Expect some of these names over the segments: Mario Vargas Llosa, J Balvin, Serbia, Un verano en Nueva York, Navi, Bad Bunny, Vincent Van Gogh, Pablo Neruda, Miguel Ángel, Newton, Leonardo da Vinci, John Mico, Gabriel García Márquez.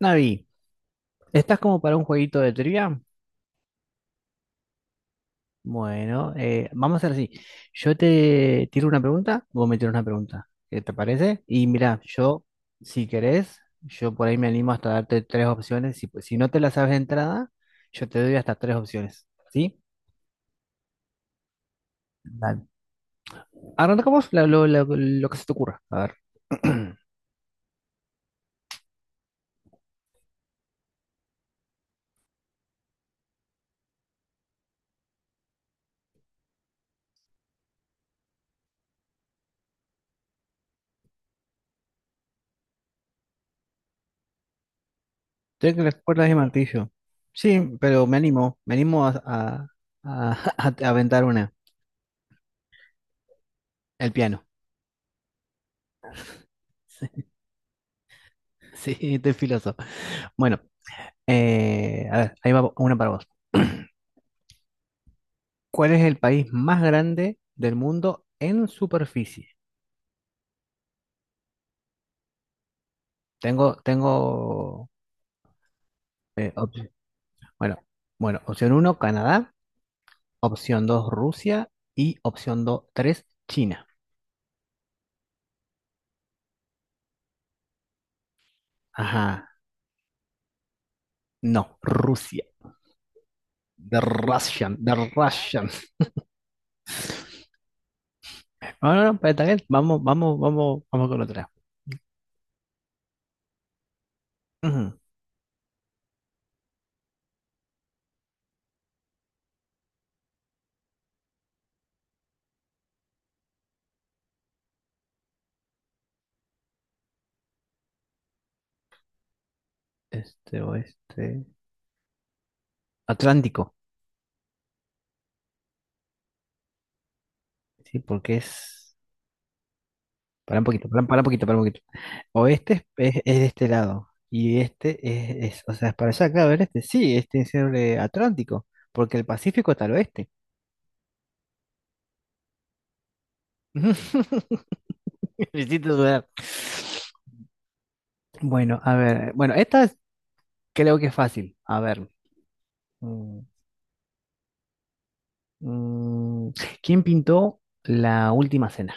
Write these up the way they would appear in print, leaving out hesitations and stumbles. Navi, ¿estás como para un jueguito de trivia? Bueno, vamos a hacer así. Yo te tiro una pregunta, vos me tiras una pregunta. ¿Qué te parece? Y mira, yo, si querés, yo por ahí me animo hasta darte tres opciones. Si, pues, si no te la sabes de entrada, yo te doy hasta tres opciones. ¿Sí? Dale. Arrancamos lo que se te ocurra. A ver. Tengo las cuerdas de martillo. Sí, pero me animo. Me animo a- a aventar una. El piano. Sí, estoy filoso. Bueno, a ver, ahí va una para vos. ¿Cuál es el país más grande del mundo en superficie? Tengo, eh, op- bueno, bueno, opción uno, Canadá, opción 2, Rusia y opción 3, China. Ajá, no, Rusia. The Russian, the Russian. No, no, no, pero está bien. Vamos, vamos, vamos, vamos con otra. Ujú. Este oeste. Atlántico. Sí, porque es. Para un poquito, para, un poquito, para un poquito. Oeste es de este lado. Y este o sea, es para allá, claro, el este. Sí, este es el Atlántico, porque el Pacífico está al oeste. Me hiciste dudar. Bueno, a ver. Bueno, creo que es fácil. A ver. mm, mm, ¿quién pintó La Última Cena?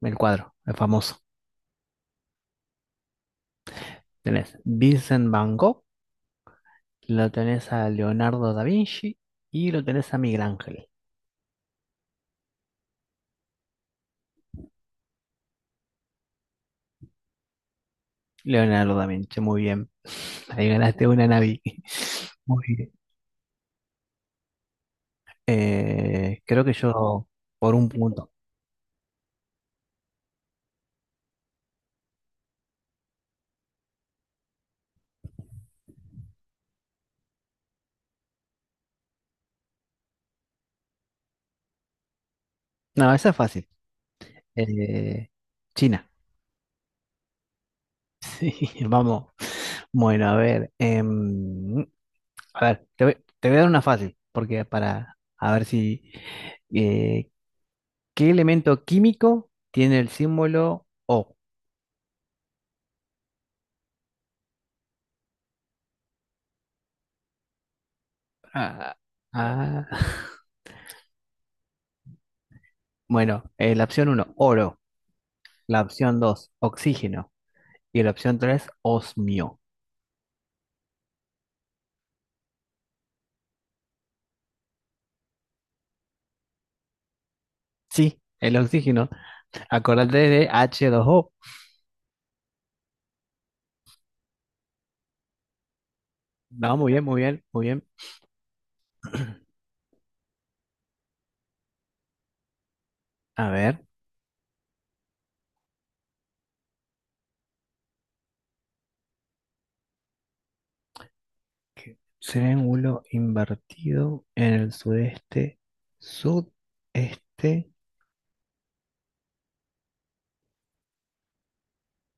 El cuadro, el famoso. Tenés Vincent Van Gogh, lo tenés a Leonardo da Vinci y lo tenés a Miguel Ángel. Leonardo da Vinci, muy bien. Ahí ganaste una, Navi. Muy bien. Creo que yo por un punto. No, esa es fácil. Eh, China. Sí, vamos. Bueno, a ver. A ver, te voy a dar una fácil, porque para a ver si, eh, ¿qué elemento químico tiene el símbolo O? Ah, ah. Bueno, la opción uno, oro. La opción 2, oxígeno. Y la opción tres, osmio. Sí, el oxígeno. Acordate de H2O. No, muy bien, muy bien, muy bien. A ver, ¿qué? Triángulo invertido en el sudeste, sudeste.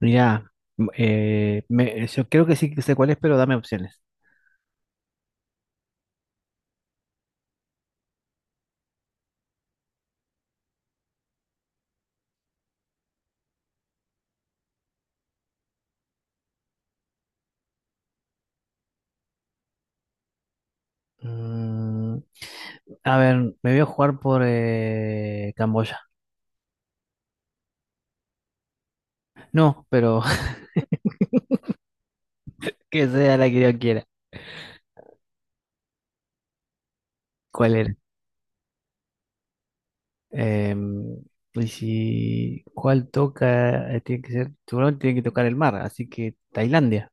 Mira, yo creo que sí que sé cuál es, pero dame opciones. Mm, a ver, me voy a jugar por Camboya. No, pero que sea la que yo quiera. ¿Cuál era? Em, y si, ¿cuál toca? Tiene que ser, seguramente tiene que tocar el mar, así que Tailandia.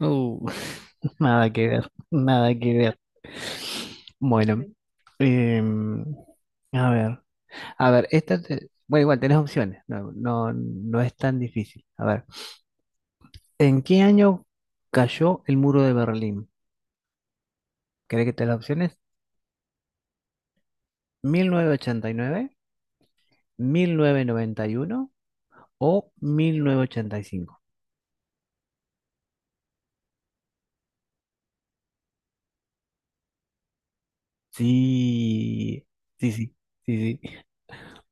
Uh, Nada que ver, nada que ver. Bueno, em, a ver, a ver, bueno, igual tenés opciones, no, no, no es tan difícil. A ver, ¿en qué año cayó el muro de Berlín? ¿Querés que te las opciones? Mil novecientos ochenta y nueve, 1991, o 1985. Sí, sí, sí, sí, sí.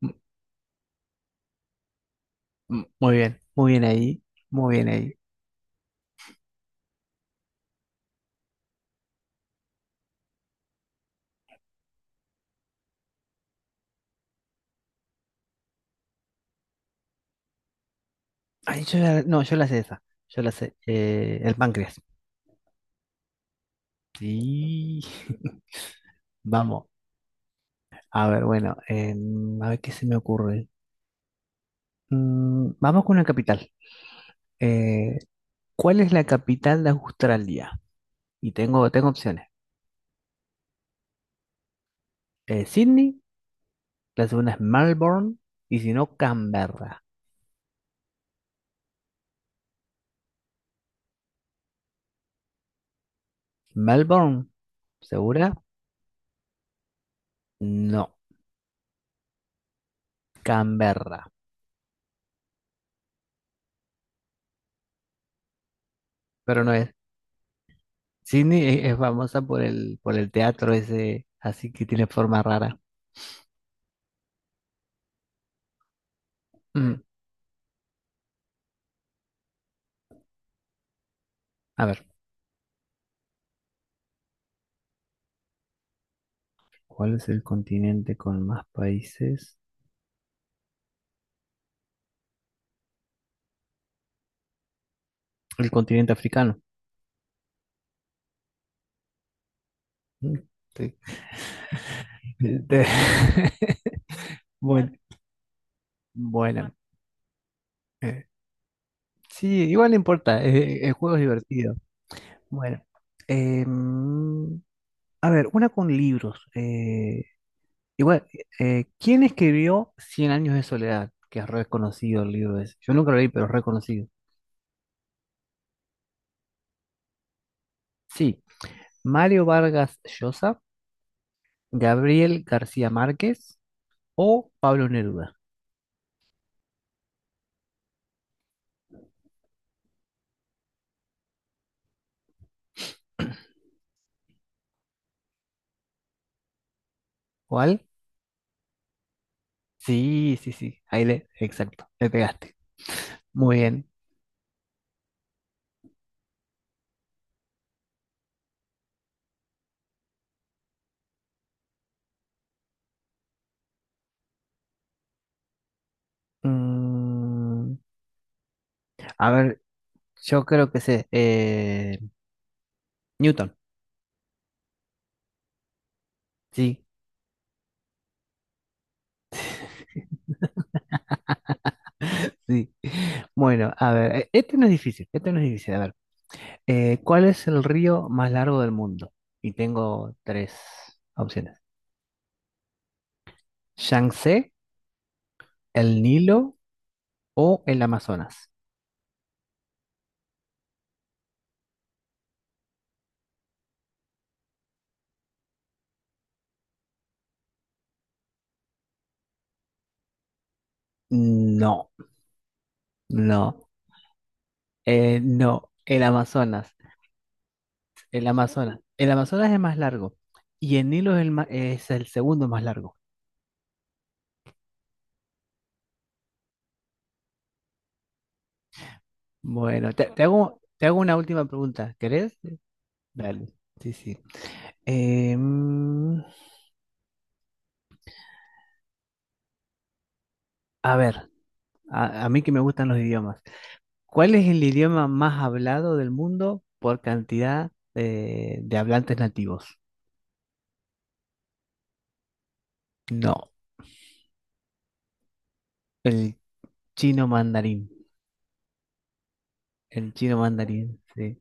M- muy bien ahí, muy bien ahí. Ay, no, yo la sé esa, yo la sé, el páncreas. Sí, vamos. A ver, bueno, a ver qué se me ocurre. Vamos con una capital. Eh, ¿cuál es la capital de Australia? Y tengo opciones. Sydney, la segunda es Melbourne, y si no, Canberra. Melbourne, ¿segura? No. Canberra, pero no es. Sydney es famosa por el teatro ese, así que tiene forma rara. Mm. A ver, ¿cuál es el continente con más países? El continente africano. Mm, sí. Te- Bueno, bueno. eh, sí, igual no importa, el juego es divertido. Bueno, em, a ver, una con libros. Igual, ¿quién escribió Cien años de soledad? Que es reconocido, el libro ese. Yo nunca lo leí, pero es reconocido. Sí, Mario Vargas Llosa, Gabriel García Márquez o Pablo Neruda. ¿Cuál? Sí, sí, sí, ahí le, exacto, le pegaste. Muy bien. Mm, a ver, yo creo que sé, Newton. Sí, sí. Bueno, a ver, este no es difícil, este no es difícil. A ver, ¿cuál es el río más largo del mundo? Y tengo tres opciones. Yangtze, el Nilo o el Amazonas. No. No, no, el Amazonas, el Amazonas, el Amazonas es más largo y el Nilo es es el segundo más largo. Bueno, te hago una última pregunta, ¿querés? Dale, sí, sí. Eh, mm, a ver, a mí que me gustan los idiomas, ¿cuál es el idioma más hablado del mundo por cantidad, de hablantes nativos? No, el chino mandarín, el chino mandarín, sí.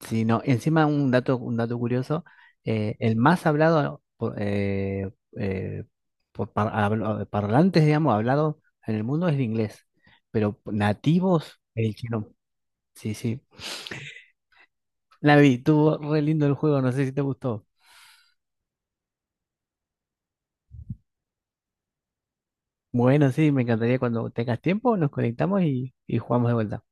Sí, no, encima un dato curioso, el más hablado por, eh, parlantes, digamos, hablado en el mundo es el inglés, pero nativos, el chino. Sí, sí. Lavi, estuvo re lindo el juego, no sé si te gustó. Bueno, sí, me encantaría cuando tengas tiempo, nos conectamos y jugamos de vuelta.